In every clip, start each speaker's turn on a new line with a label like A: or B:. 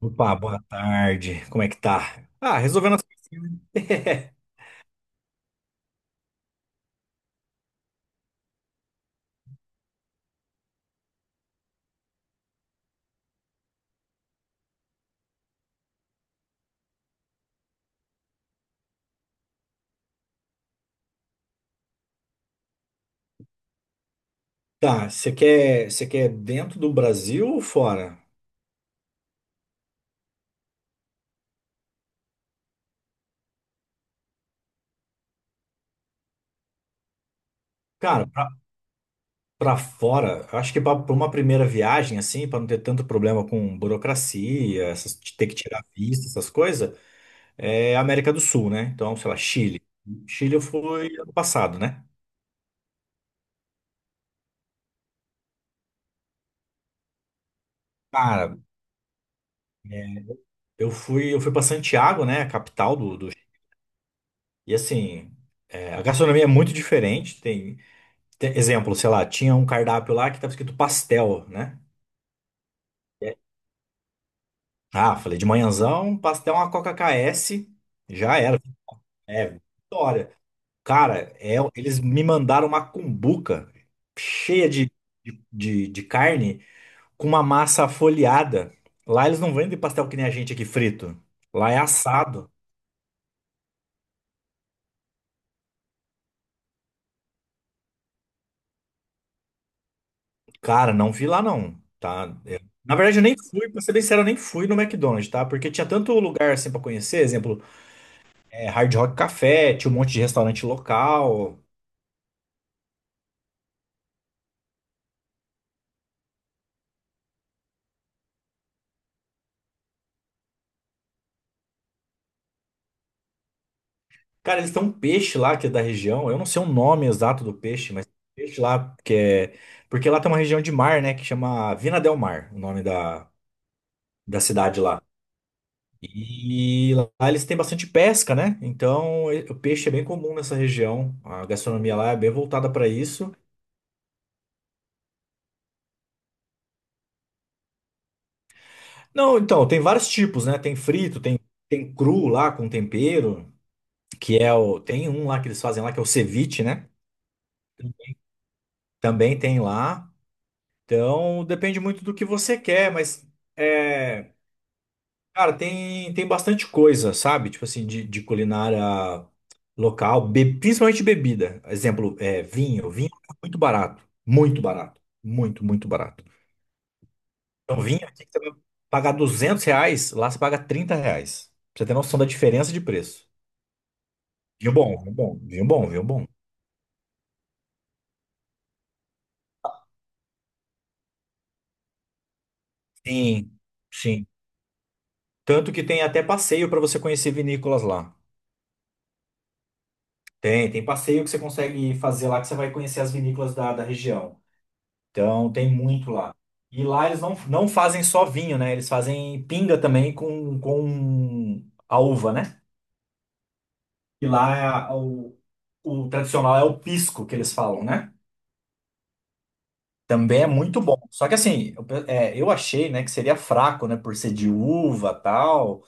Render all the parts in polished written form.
A: Opa, boa tarde. Como é que tá? Ah, resolvendo as coisinhas, né? Tá, você quer dentro do Brasil ou fora? Cara, pra fora, eu acho que pra uma primeira viagem, assim, pra não ter tanto problema com burocracia, essas, de ter que tirar visto, essas coisas, é América do Sul, né? Então, sei lá, Chile. Chile eu fui ano passado, né? Cara, é, eu fui para Santiago, né, a capital do. E assim, a gastronomia é muito diferente, tem exemplo, sei lá, tinha um cardápio lá que estava escrito pastel, né? É. Ah, falei, de manhãzão, pastel, uma Coca k s já era. É, vitória. Cara, eles me mandaram uma cumbuca cheia de carne com uma massa folheada. Lá eles não vendem pastel que nem a gente aqui frito. Lá é assado. Cara, não vi lá não, tá? Na verdade, eu nem fui, pra ser bem sincero, eu nem fui no McDonald's, tá? Porque tinha tanto lugar assim pra conhecer, exemplo, é Hard Rock Café, tinha um monte de restaurante local. Cara, eles têm um peixe lá que é da região. Eu não sei o nome exato do peixe, mas tem um peixe lá que é. Porque lá tem uma região de mar, né? Que chama Vina del Mar, o nome da cidade lá. E lá eles têm bastante pesca, né? Então o peixe é bem comum nessa região. A gastronomia lá é bem voltada para isso. Não, então, tem vários tipos, né? Tem frito, tem cru lá com tempero, que é o. Tem um lá que eles fazem lá, que é o ceviche, né? Também tem lá. Então, depende muito do que você quer, mas é, cara, tem bastante coisa, sabe? Tipo assim, de culinária local, principalmente bebida. Exemplo, vinho. Vinho é muito barato, muito barato, muito, muito barato. Então, vinho aqui que você vai pagar R$ 200, lá você paga R$ 30. Pra você ter noção da diferença de preço. Vinho bom, vinho bom, vinho bom, vinho bom. Sim, sim. Tanto que tem até passeio para você conhecer vinícolas lá. Tem passeio que você consegue fazer lá que você vai conhecer as vinícolas da região. Então, tem muito lá. E lá eles não fazem só vinho, né? Eles fazem pinga também com a uva, né? E lá é o tradicional é o pisco que eles falam, né? Também é muito bom. Só que assim, eu achei, né, que seria fraco, né, por ser de uva tal.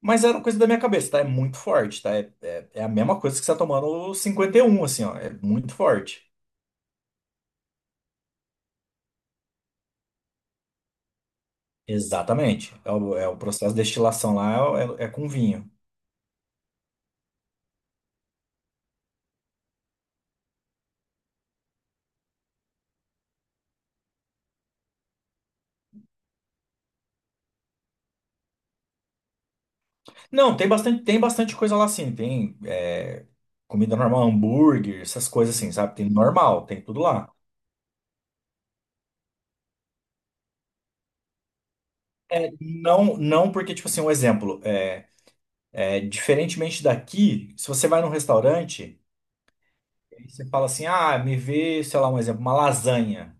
A: Mas era uma coisa da minha cabeça, tá? É muito forte, tá? É a mesma coisa que você tá tomando o 51 assim, ó. É muito forte. Exatamente. É o processo de destilação lá é com vinho. Não, tem bastante coisa lá sim. Tem comida normal, hambúrguer, essas coisas assim, sabe? Tem normal, tem tudo lá. É, não, não porque, tipo assim, um exemplo, diferentemente daqui, se você vai num restaurante, e você fala assim, ah, me vê, sei lá, um exemplo, uma lasanha.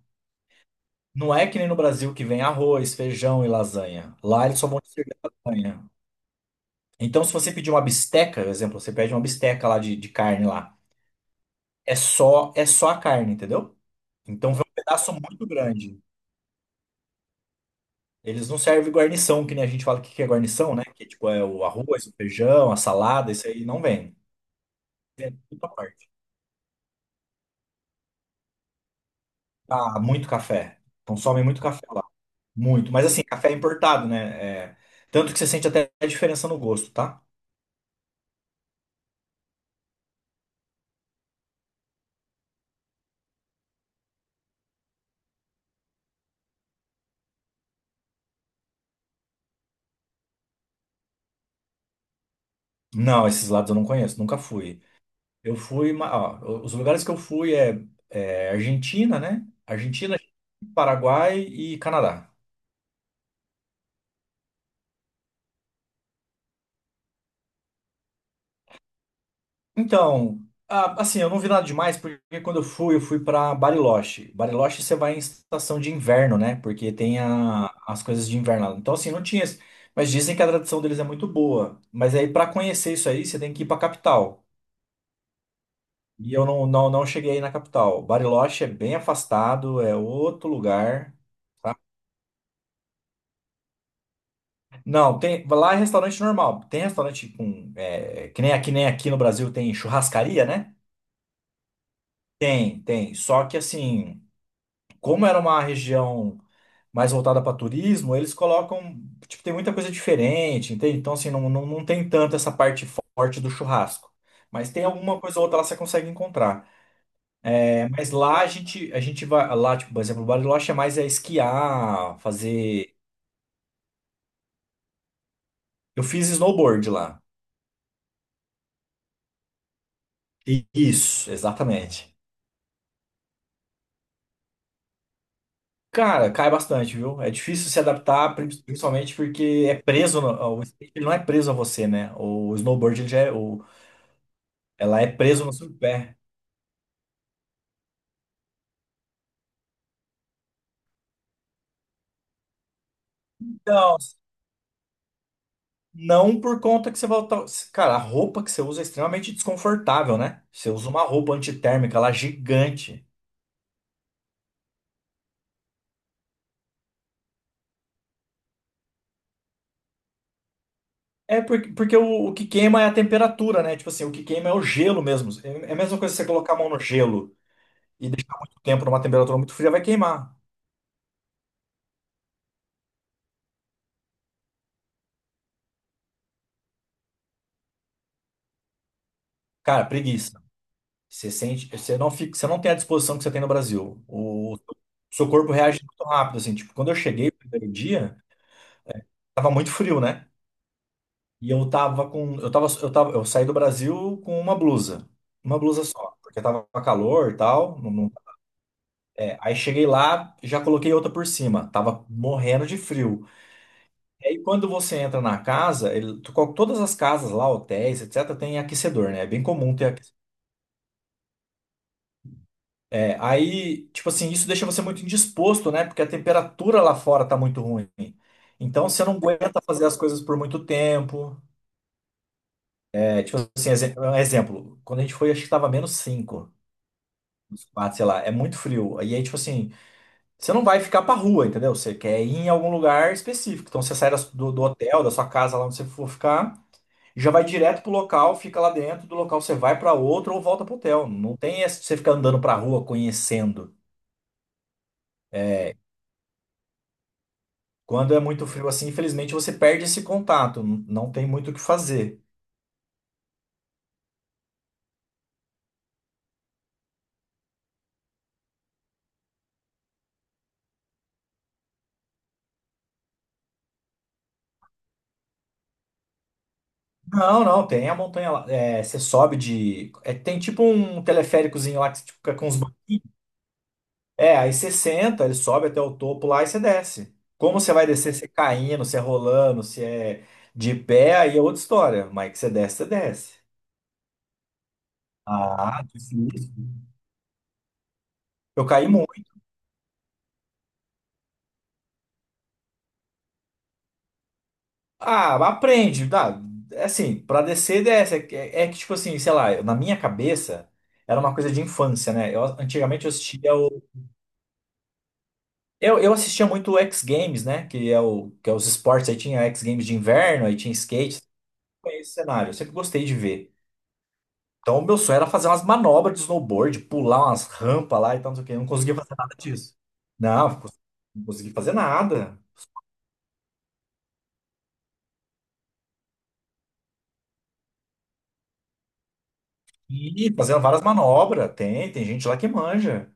A: Não é que nem no Brasil que vem arroz, feijão e lasanha. Lá eles só vão te servir lasanha. Então, se você pedir uma bisteca, por exemplo, você pede uma bisteca lá de carne lá. É só a carne, entendeu? Então vem um pedaço muito grande. Eles não servem guarnição, que nem a gente fala que é guarnição, né? Que tipo é o arroz, o feijão, a salada, isso aí não vem. Muita parte. Ah, muito café. Consomem muito café lá. Muito. Mas assim, café importado, né? Tanto que você sente até a diferença no gosto, tá? Não, esses lados eu não conheço, nunca fui. Eu fui, ó, os lugares que eu fui é Argentina, né? Argentina, Paraguai e Canadá. Então, ah, assim, eu não vi nada demais, porque quando eu fui para Bariloche. Bariloche você vai em estação de inverno, né? Porque tem as coisas de inverno lá. Então, assim, não tinha, mas dizem que a tradição deles é muito boa. Mas aí, para conhecer isso aí, você tem que ir para capital. E eu não cheguei aí na capital. Bariloche é bem afastado, é outro lugar, tá? Não, tem, lá é restaurante normal. Tem restaurante com. Que nem, aqui nem aqui no Brasil tem churrascaria, né? Tem, tem. Só que assim, como era uma região mais voltada para turismo, eles colocam, tipo, tem muita coisa diferente, entende? Então, assim, não tem tanto essa parte forte do churrasco. Mas tem alguma coisa ou outra lá que você consegue encontrar. É, mas lá a gente vai, lá, tipo, por exemplo, Bariloche é mais é esquiar, fazer. Eu fiz snowboard lá. Isso, exatamente. Cara, cai bastante, viu? É difícil se adaptar, principalmente porque é preso, o skate ele não é preso a você, né? O snowboard ele já ela é preso no seu pé. Não, não por conta que você volta. Cara, a roupa que você usa é extremamente desconfortável, né? Você usa uma roupa antitérmica lá gigante. É porque o que queima é a temperatura, né? Tipo assim, o que queima é o gelo mesmo. É a mesma coisa que você colocar a mão no gelo e deixar muito tempo numa temperatura muito fria, vai queimar. Cara, preguiça. Você sente, você não fica, você não tem a disposição que você tem no Brasil. O seu corpo reage muito rápido, assim. Tipo, quando eu cheguei no primeiro dia, tava muito frio, né? E eu tava com. Eu saí do Brasil com uma blusa. Uma blusa só. Porque tava calor e tal, aí cheguei lá, já coloquei outra por cima. Tava morrendo de frio. E aí quando você entra na casa, todas as casas lá, hotéis, etc., tem aquecedor, né? É bem comum ter aquecedor. É, aí, tipo assim, isso deixa você muito indisposto, né? Porque a temperatura lá fora tá muito ruim. Então você não aguenta fazer as coisas por muito tempo. É, tipo assim, um exemplo, quando a gente foi, acho que tava -5 uns quatro, sei lá, é muito frio. E aí, tipo assim, você não vai ficar pra rua, entendeu? Você quer ir em algum lugar específico. Então você sai do hotel, da sua casa, lá onde você for ficar, já vai direto pro local, fica lá dentro, do local você vai pra outro ou volta pro hotel. Não tem essa de você ficar andando pra rua conhecendo. É, quando é muito frio assim, infelizmente você perde esse contato, não tem muito o que fazer. Não, não, tem a montanha lá. É, você sobe de. Tem tipo um teleféricozinho lá que você, tipo, fica com uns banquinhos. É, aí você senta, ele sobe até o topo lá e você desce. Como você vai descer, se é caindo, se é rolando, se é de pé, aí é outra história. Mas que você desce, você desce. Ah, difícil. Eu caí muito. Ah, aprende, dá. É assim, pra descer, desce. É, que é que, tipo assim, sei lá, na minha cabeça, era uma coisa de infância, né? Eu, antigamente eu assistia o. Eu assistia muito o X Games, né? Que é, o, que é os esportes. Aí tinha X Games de inverno, aí tinha skate. Foi esse cenário. Eu sempre gostei de ver. Então, o meu sonho era fazer umas manobras de snowboard, pular umas rampas lá e tal, não sei o quê. Eu não conseguia fazer nada disso. Não, não consegui fazer nada. E fazendo várias manobras. Tem gente lá que manja.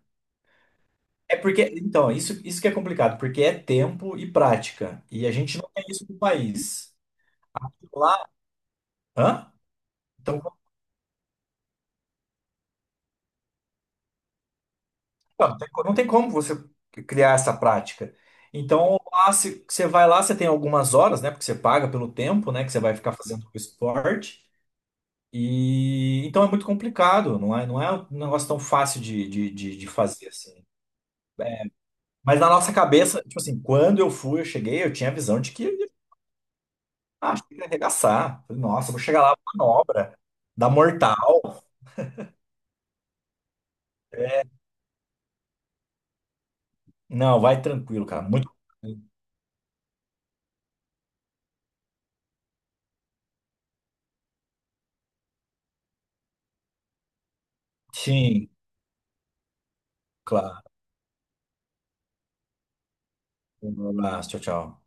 A: É porque, então, isso que é complicado, porque é tempo e prática. E a gente não tem isso no país. Lá, hã? Então, não tem como você criar essa prática. Então, lá, se, você vai lá, você tem algumas horas, né? Porque você paga pelo tempo, né? Que você vai ficar fazendo o esporte. E então é muito complicado, não é um negócio tão fácil de fazer assim. Mas na nossa cabeça, tipo assim, quando eu fui, eu cheguei, eu tinha a visão de que ah, acho que ia arregaçar. Falei, nossa, vou chegar lá, manobra, dar mortal. Não, vai tranquilo, cara. Muito. Sim, claro. Um abraço, tchau, tchau.